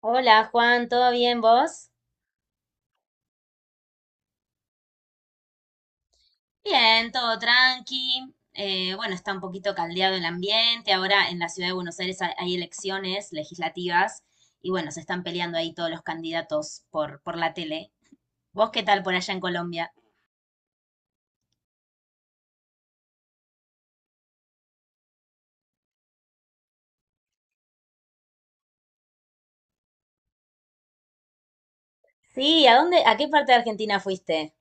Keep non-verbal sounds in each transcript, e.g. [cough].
Hola Juan, ¿todo bien vos? Bien, todo tranqui. Bueno, está un poquito caldeado el ambiente. Ahora en la ciudad de Buenos Aires hay elecciones legislativas y bueno, se están peleando ahí todos los candidatos por la tele. ¿Vos qué tal por allá en Colombia? Sí, a qué parte de Argentina fuiste?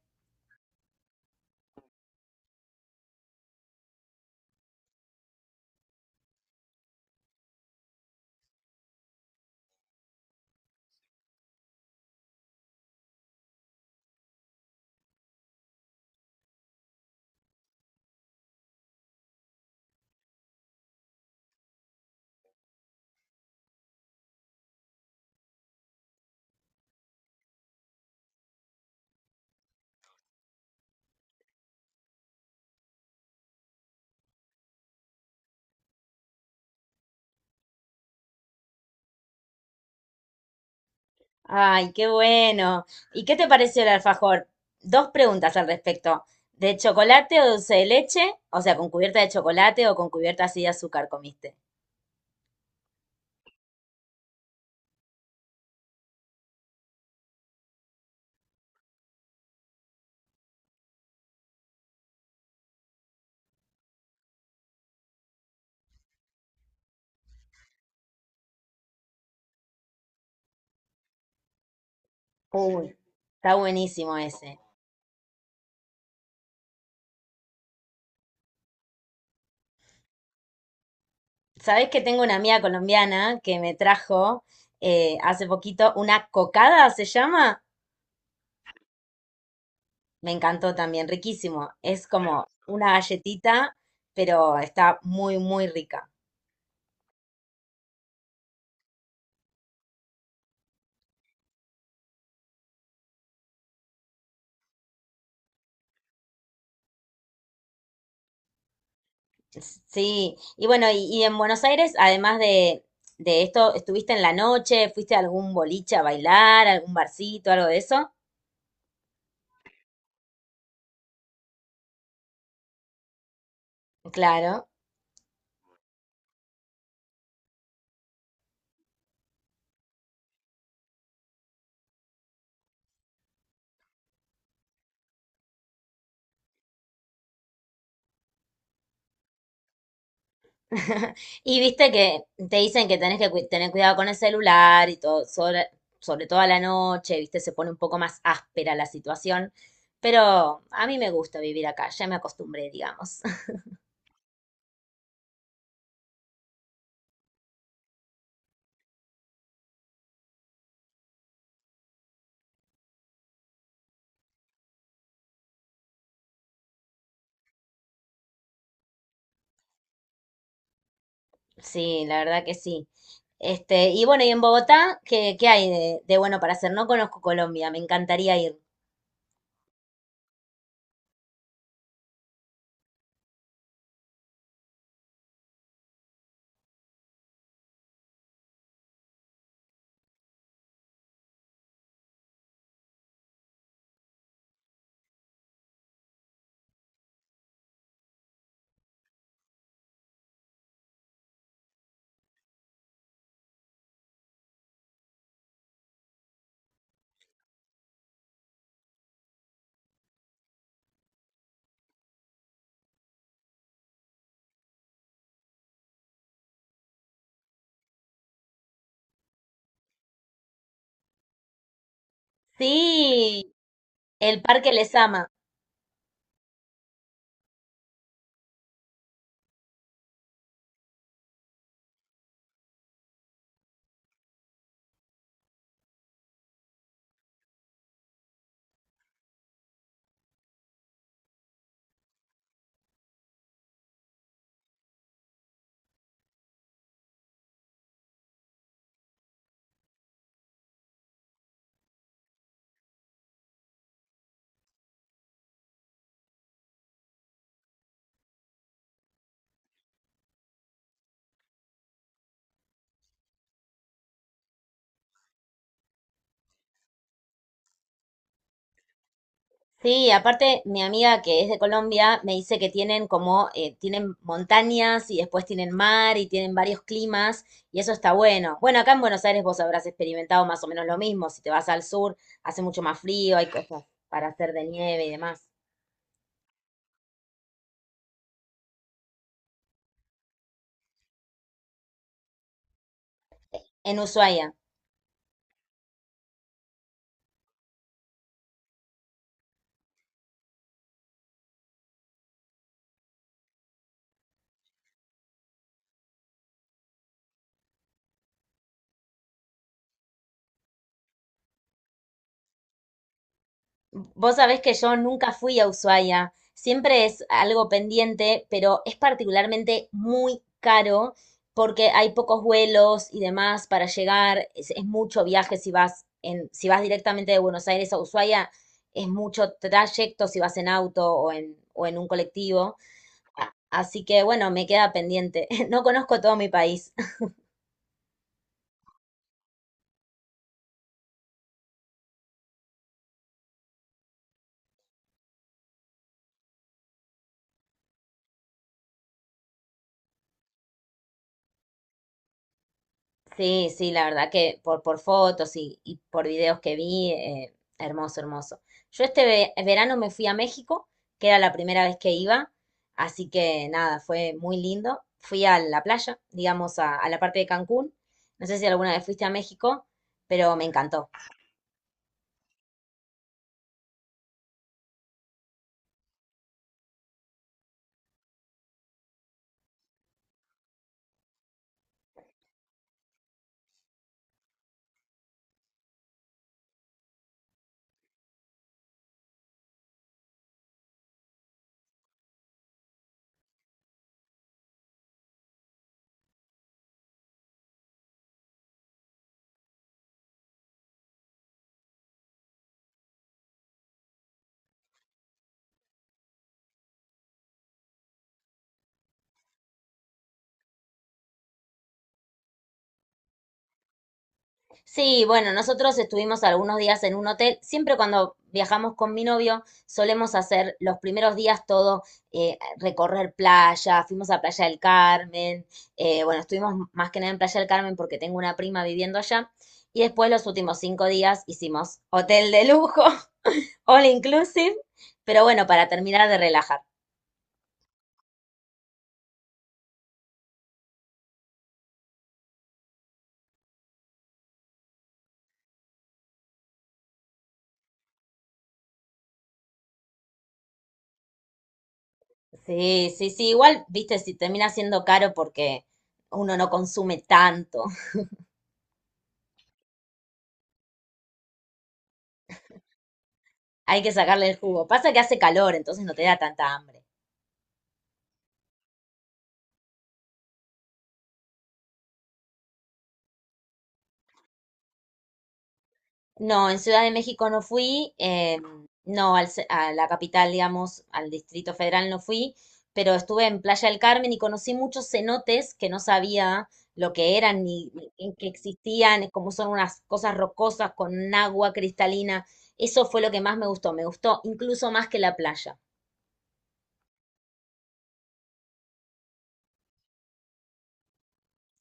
Ay, qué bueno. ¿Y qué te pareció el alfajor? Dos preguntas al respecto. ¿De chocolate o dulce de leche? O sea, ¿con cubierta de chocolate o con cubierta así de azúcar comiste? Uy, está buenísimo ese. Sabés que tengo una amiga colombiana que me trajo hace poquito una cocada, se llama. Me encantó también, riquísimo. Es como una galletita, pero está muy rica. Sí, y bueno, y en Buenos Aires, además de esto, ¿estuviste en la noche? ¿Fuiste a algún boliche a bailar, algún barcito, algo de eso? Claro. [laughs] Y viste que te dicen que tenés que tener cuidado con el celular y todo, sobre todo a la noche, viste, se pone un poco más áspera la situación, pero a mí me gusta vivir acá, ya me acostumbré, digamos. [laughs] Sí, la verdad que sí. Este, y bueno, y en Bogotá, ¿qué hay de bueno para hacer? No conozco Colombia, me encantaría ir. Sí, el Parque Lesama. Sí, aparte mi amiga que es de Colombia me dice que tienen como, tienen montañas y después tienen mar y tienen varios climas y eso está bueno. Bueno, acá en Buenos Aires vos habrás experimentado más o menos lo mismo. Si te vas al sur, hace mucho más frío, hay cosas para hacer de nieve y demás. En Ushuaia. Vos sabés que yo nunca fui a Ushuaia, siempre es algo pendiente, pero es particularmente muy caro porque hay pocos vuelos y demás para llegar, es mucho viaje si si vas directamente de Buenos Aires a Ushuaia, es mucho trayecto si vas en auto o en un colectivo. Así que bueno, me queda pendiente. [laughs] No conozco todo mi país. Sí, sí, la verdad que por fotos y por videos que vi, hermoso, hermoso. Yo este verano me fui a México, que era la primera vez que iba, así que nada, fue muy lindo. Fui a la playa, digamos, a la parte de Cancún. No sé si alguna vez fuiste a México, pero me encantó. Sí, bueno, nosotros estuvimos algunos días en un hotel. Siempre cuando viajamos con mi novio, solemos hacer los primeros días todo, recorrer playa, fuimos a Playa del Carmen, bueno, estuvimos más que nada en Playa del Carmen porque tengo una prima viviendo allá. Y después los últimos 5 días hicimos hotel de lujo, [laughs] all inclusive, pero bueno, para terminar de relajar. Sí, sí, sí, igual, viste, si termina siendo caro porque uno no consume tanto. Hay que sacarle el jugo. Pasa que hace calor, entonces no te da tanta hambre. No, en Ciudad de México no fui, no al a la capital, digamos, al Distrito Federal no fui, pero estuve en Playa del Carmen y conocí muchos cenotes que no sabía lo que eran ni en que existían, como son unas cosas rocosas con agua cristalina. Eso fue lo que más me gustó incluso más que la playa.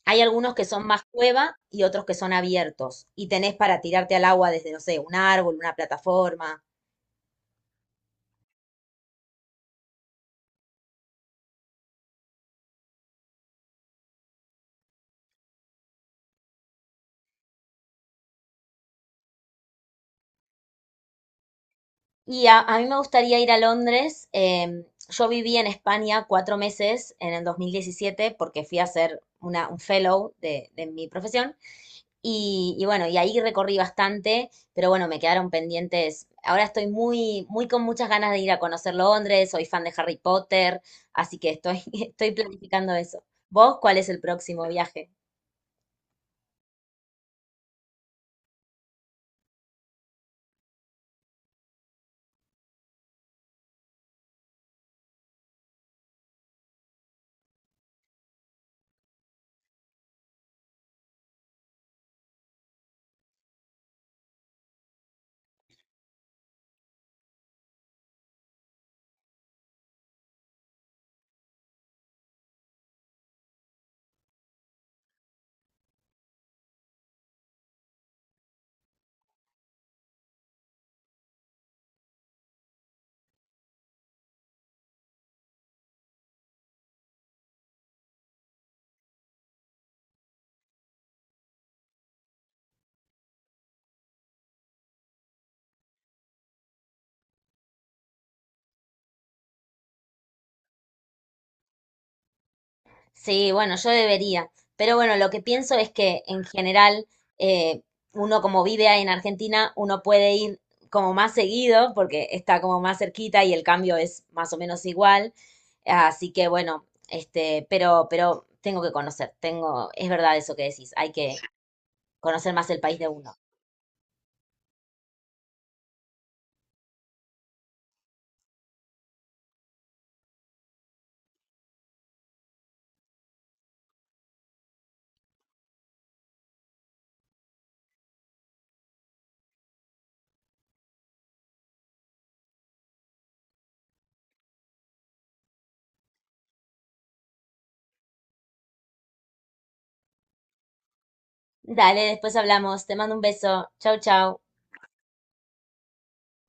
Hay algunos que son más cueva y otros que son abiertos y tenés para tirarte al agua desde, no sé, un árbol, una plataforma. Y a mí me gustaría ir a Londres. Em, yo viví en España 4 meses en el 2017 porque fui a hacer un fellow de mi profesión. Y bueno, y ahí recorrí bastante, pero bueno, me quedaron pendientes. Ahora estoy muy, muy con muchas ganas de ir a conocer Londres. Soy fan de Harry Potter, así que estoy, [laughs] estoy planificando eso. ¿Vos cuál es el próximo viaje? Sí, bueno, yo debería. Pero bueno, lo que pienso es que en general, eh, uno como vive en Argentina, uno puede ir como más seguido porque está como más cerquita y el cambio es más o menos igual. Así que bueno, este, pero tengo que conocer, tengo, es verdad eso que decís, hay que conocer más el país de uno. Dale, después hablamos, te mando un beso, chau, chau.